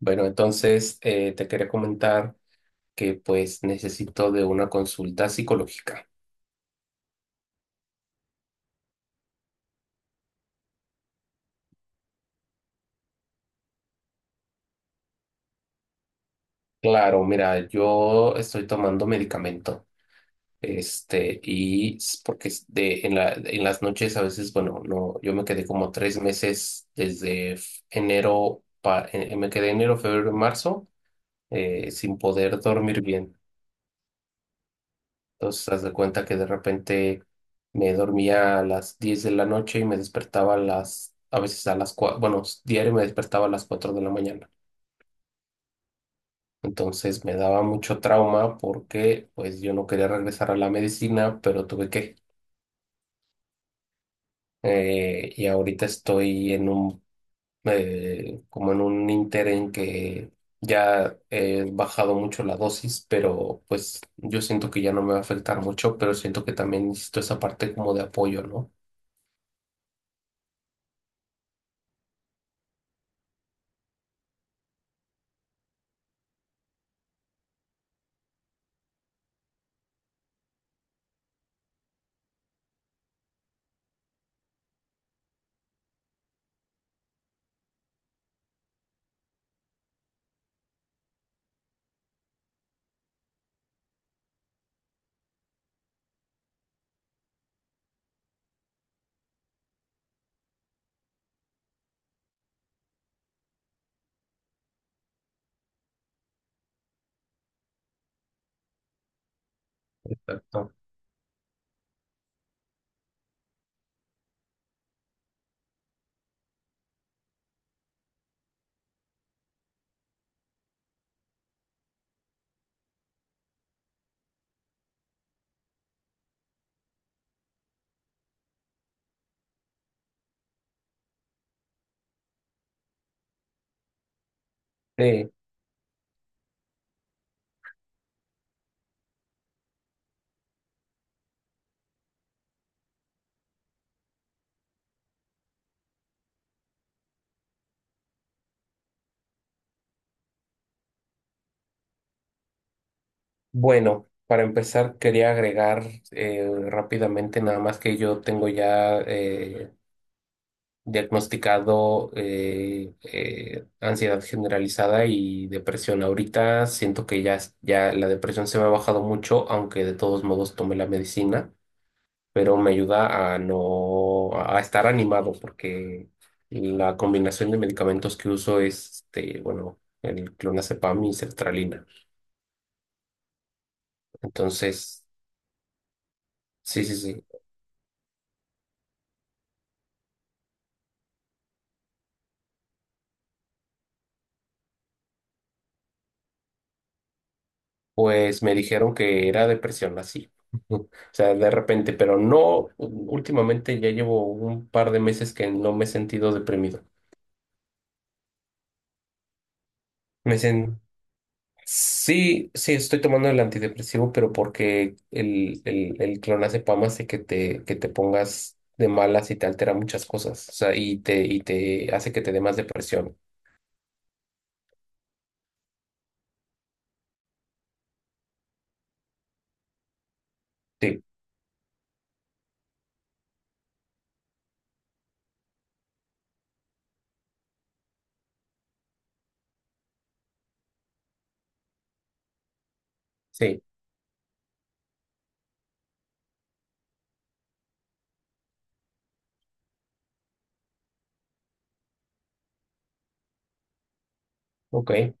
Bueno, entonces te quería comentar que pues necesito de una consulta psicológica. Claro, mira, yo estoy tomando medicamento, porque es de, en las noches a veces, bueno, no, yo me quedé como 3 meses desde enero, me quedé enero, febrero, marzo, sin poder dormir bien. Entonces, haz de cuenta que de repente me dormía a las 10 de la noche y me despertaba a a veces a las 4, bueno, diario me despertaba a las 4 de la mañana. Entonces me daba mucho trauma porque pues yo no quería regresar a la medicina, pero tuve que. Y ahorita estoy en como en un ínter en que ya he bajado mucho la dosis, pero pues yo siento que ya no me va a afectar mucho, pero siento que también necesito esa parte como de apoyo, ¿no? Exacto. Eh, bueno, para empezar quería agregar rápidamente nada más que yo tengo ya diagnosticado ansiedad generalizada y depresión. Ahorita siento que ya, ya la depresión se me ha bajado mucho, aunque de todos modos tomé la medicina, pero me ayuda a no a estar animado porque la combinación de medicamentos que uso es, bueno, el clonazepam y sertralina. Entonces, sí, sí, sí. Pues me dijeron que era depresión así. O sea, de repente, pero no, últimamente ya llevo un par de meses que no me he sentido deprimido. Me dicen, sí, sí, estoy tomando el antidepresivo, pero porque el clonazepam hace que que te pongas de malas y te altera muchas cosas. O sea, y te hace que te dé más depresión. Sí, sí, ok.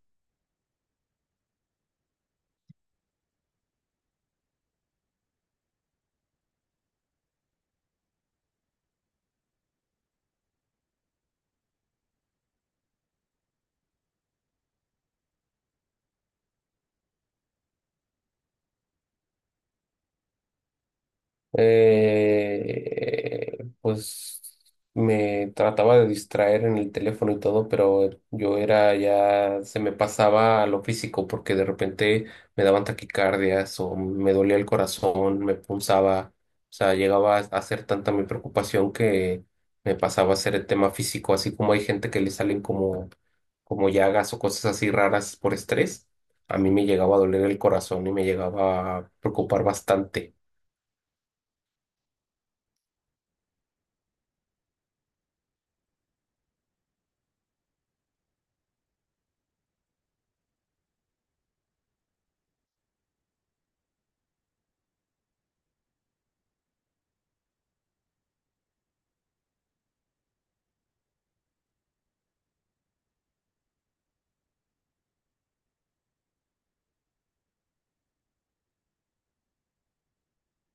Pues me trataba de distraer en el teléfono y todo, pero yo era ya, se me pasaba a lo físico porque de repente me daban taquicardias o me dolía el corazón, me punzaba, o sea, llegaba a ser tanta mi preocupación que me pasaba a ser el tema físico, así como hay gente que le salen como, como llagas o cosas así raras por estrés, a mí me llegaba a doler el corazón y me llegaba a preocupar bastante.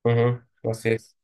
Ujú, así es.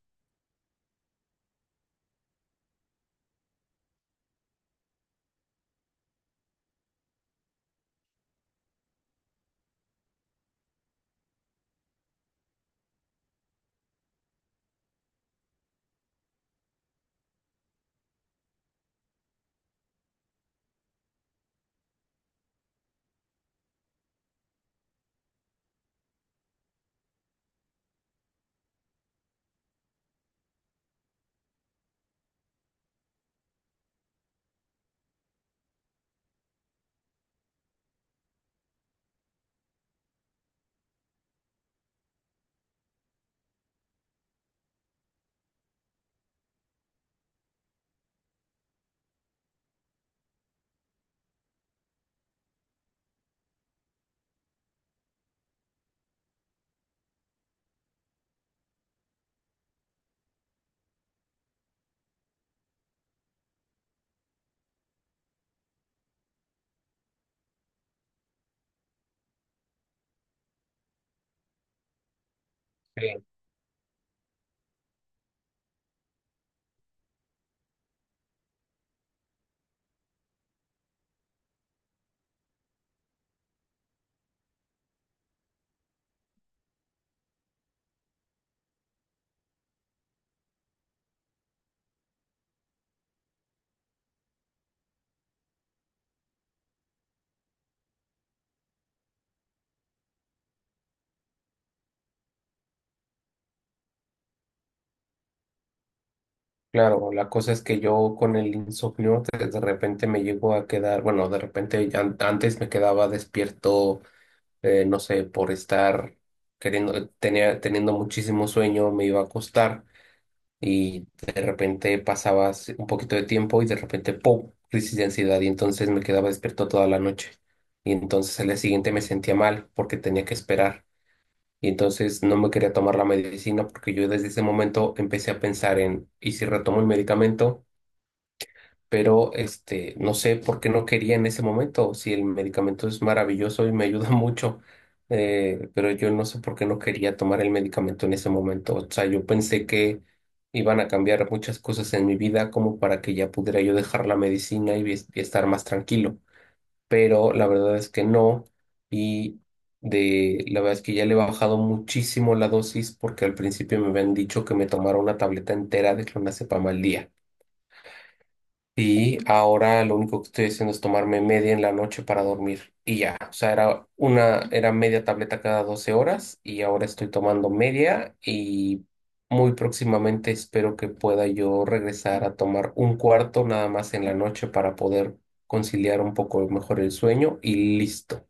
Sí, claro, la cosa es que yo con el insomnio de repente me llego a quedar, bueno, de repente ya antes me quedaba despierto, no sé, por estar queriendo, teniendo muchísimo sueño, me iba a acostar y de repente pasaba así un poquito de tiempo y de repente, ¡pum!, crisis de ansiedad y entonces me quedaba despierto toda la noche. Y entonces al día siguiente me sentía mal porque tenía que esperar. Y entonces no me quería tomar la medicina porque yo desde ese momento empecé a pensar en, ¿y si retomo el medicamento? Pero este, no sé por qué no quería en ese momento, si el medicamento es maravilloso y me ayuda mucho, pero yo no sé por qué no quería tomar el medicamento en ese momento. O sea, yo pensé que iban a cambiar muchas cosas en mi vida como para que ya pudiera yo dejar la medicina y estar más tranquilo, pero la verdad es que no. Y de la verdad es que ya le he bajado muchísimo la dosis porque al principio me habían dicho que me tomara una tableta entera de clonazepam al día. Y ahora lo único que estoy haciendo es tomarme media en la noche para dormir. Y ya, o sea, era media tableta cada 12 horas y ahora estoy tomando media y muy próximamente espero que pueda yo regresar a tomar un cuarto nada más en la noche para poder conciliar un poco mejor el sueño y listo.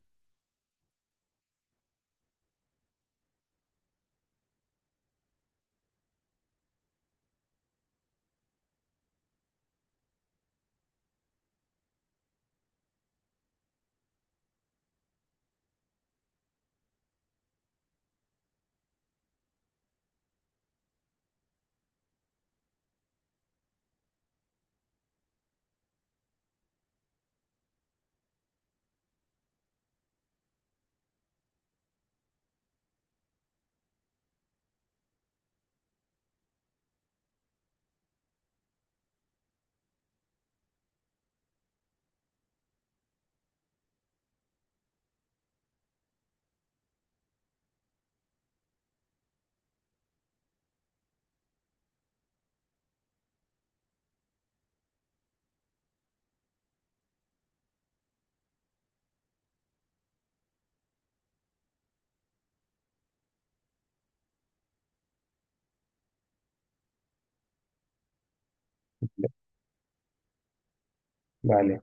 Vale.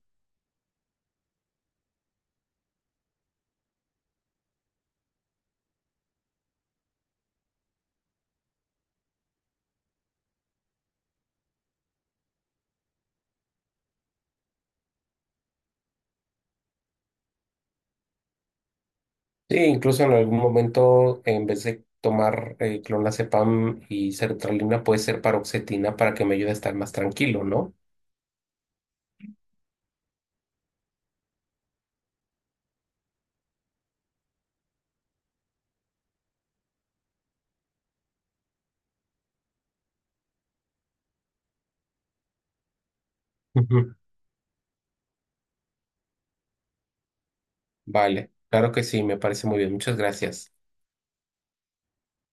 Sí, incluso en algún momento, en vez de tomar clonazepam y sertralina, puede ser paroxetina para que me ayude a estar más tranquilo, ¿no? Vale, claro que sí, me parece muy bien. Muchas gracias.